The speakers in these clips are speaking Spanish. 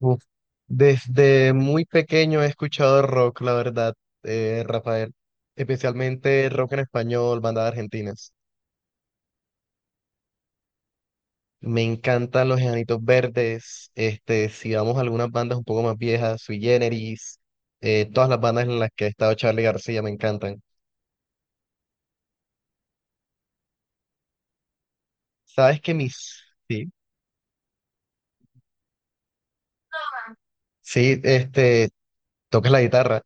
Uf, Desde muy pequeño he escuchado rock, la verdad, Rafael. Especialmente rock en español, bandas argentinas. Me encantan los Enanitos Verdes. Este, si vamos a algunas bandas un poco más viejas, Sui Generis, todas las bandas en las que ha estado Charly García me encantan. ¿Sabes que mis... Sí, sí, este, tocas la guitarra.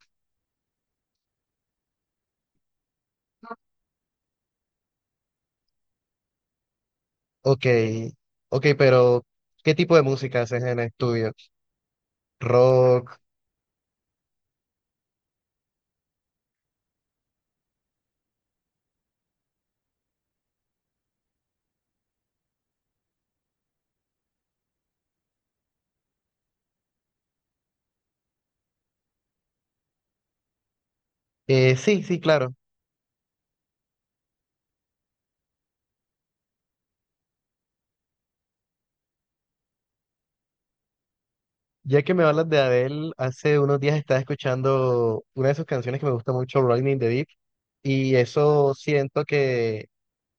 Ok, ok, pero ¿qué tipo de música haces en el estudio? Rock. Sí, sí, claro. Ya que me hablas de Adele, hace unos días estaba escuchando una de sus canciones que me gusta mucho, Rolling in the Deep, y eso siento que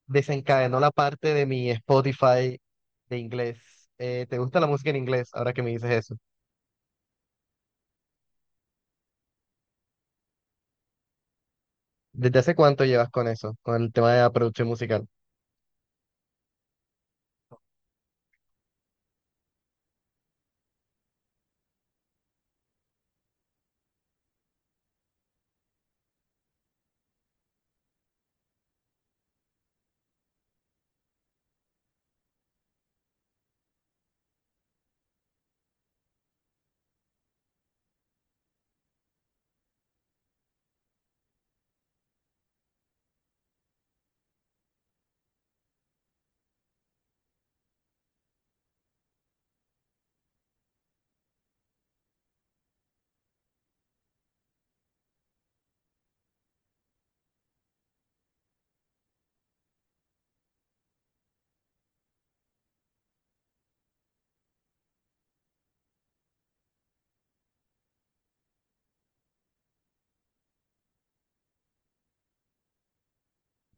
desencadenó la parte de mi Spotify de inglés. ¿Te gusta la música en inglés ahora que me dices eso? ¿Desde hace cuánto llevas con eso, con el tema de la producción musical?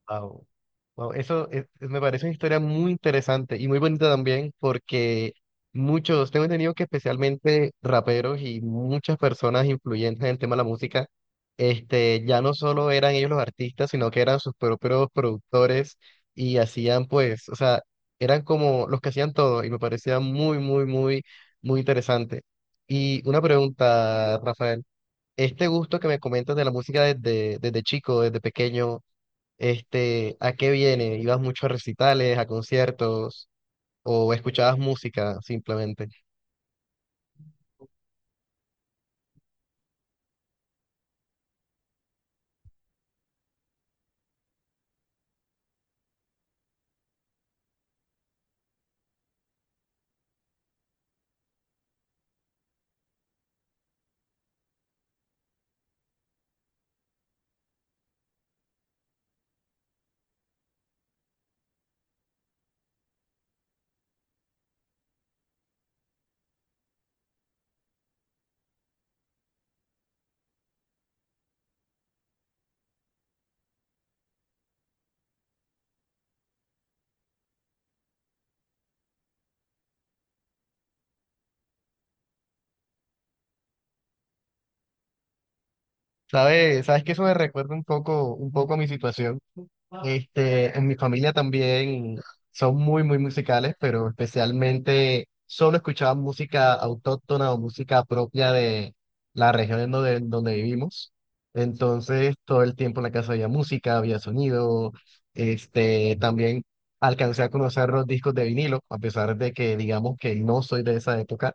Wow. Wow, eso me parece una historia muy interesante y muy bonita también porque muchos, tengo entendido que especialmente raperos y muchas personas influyentes en el tema de la música, este, ya no solo eran ellos los artistas, sino que eran sus propios productores y hacían pues, o sea, eran como los que hacían todo y me parecía muy, muy, muy, muy interesante. Y una pregunta, Rafael, este gusto que me comentas de la música desde chico, desde pequeño. Este, ¿a qué viene? ¿Ibas mucho a recitales, a conciertos o escuchabas música simplemente? ¿Sabes? ¿Sabes que eso me recuerda un poco a mi situación? Este, en mi familia también son muy, muy musicales, pero especialmente solo escuchaban música autóctona o música propia de la región en donde vivimos. Entonces, todo el tiempo en la casa había música, había sonido. Este, también alcancé a conocer los discos de vinilo, a pesar de que digamos que no soy de esa época.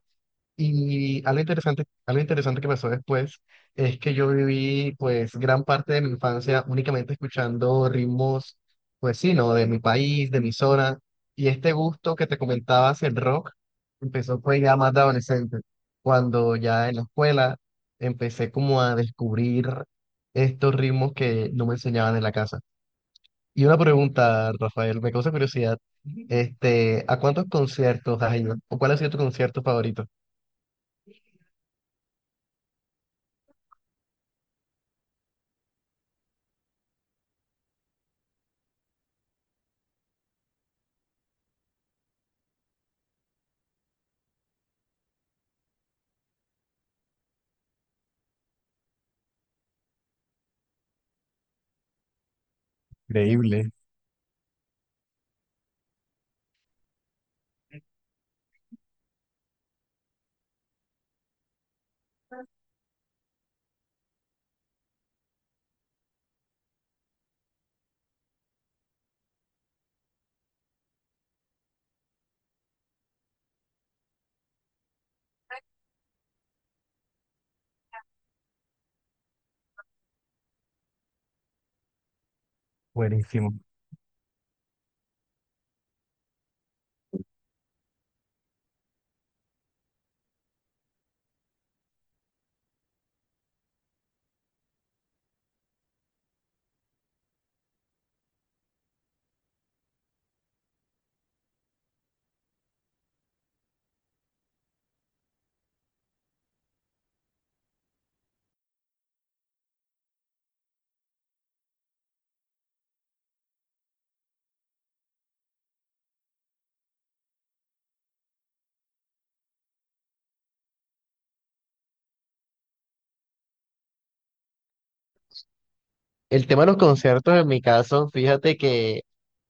Y algo interesante que pasó después es que yo viví pues gran parte de mi infancia únicamente escuchando ritmos, pues sí, ¿no? De mi país, de mi zona. Y este gusto que te comentaba hacia el rock empezó pues ya más de adolescente, cuando ya en la escuela empecé como a descubrir estos ritmos que no me enseñaban en la casa. Y una pregunta, Rafael, me causa curiosidad, este, ¿a cuántos conciertos has ido? ¿O cuál ha sido tu concierto favorito? Increíble. Buenísimo. El tema de los conciertos, en mi caso, fíjate que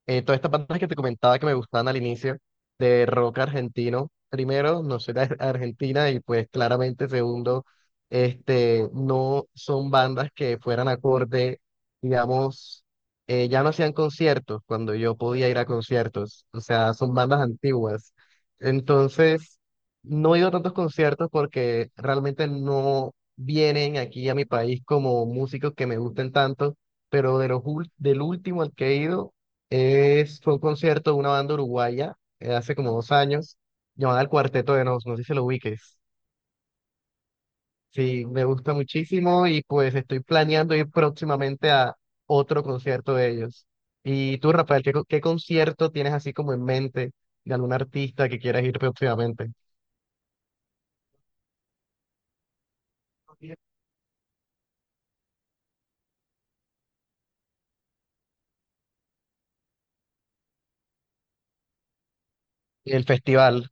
todas estas bandas que te comentaba que me gustaban al inicio, de rock argentino, primero, no soy de Argentina y pues claramente segundo, este, no son bandas que fueran acorde, digamos, ya no hacían conciertos cuando yo podía ir a conciertos, o sea, son bandas antiguas. Entonces, no he ido a tantos conciertos porque realmente no vienen aquí a mi país como músicos que me gusten tanto, pero de los del último al que he ido es, fue un concierto de una banda uruguaya hace como 2 años, llamada El Cuarteto de Nos, no sé si lo ubiques. Sí, me gusta muchísimo y pues estoy planeando ir próximamente a otro concierto de ellos. Y tú, Rafael, ¿qué, qué concierto tienes así como en mente de algún artista que quieras ir próximamente? El festival,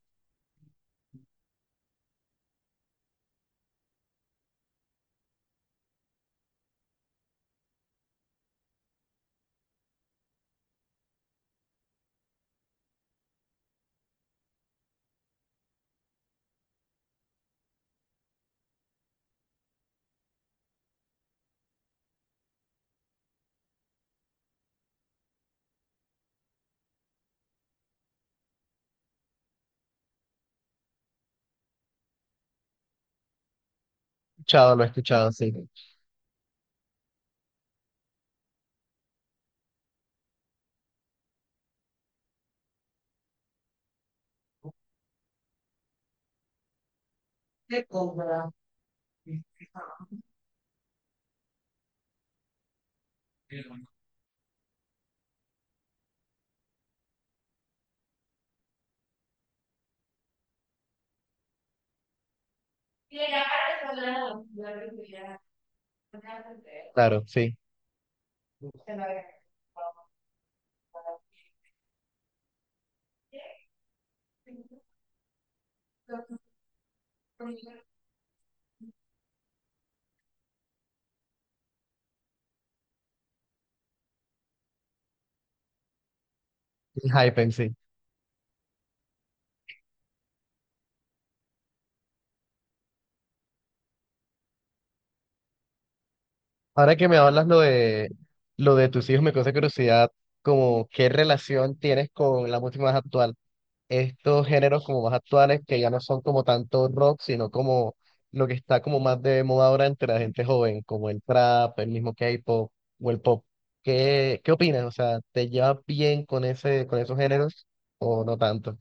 escuchado, lo he escuchado, sí, claro, sí. El Hypen, sí. Ahora que me hablas lo de tus hijos, me causa curiosidad como qué relación tienes con la música más actual. Estos géneros como más actuales que ya no son como tanto rock, sino como lo que está como más de moda ahora entre la gente joven, como el trap, el mismo K-pop o el pop. ¿Qué, qué opinas? O sea, ¿te llevas bien con ese, con esos géneros o no tanto?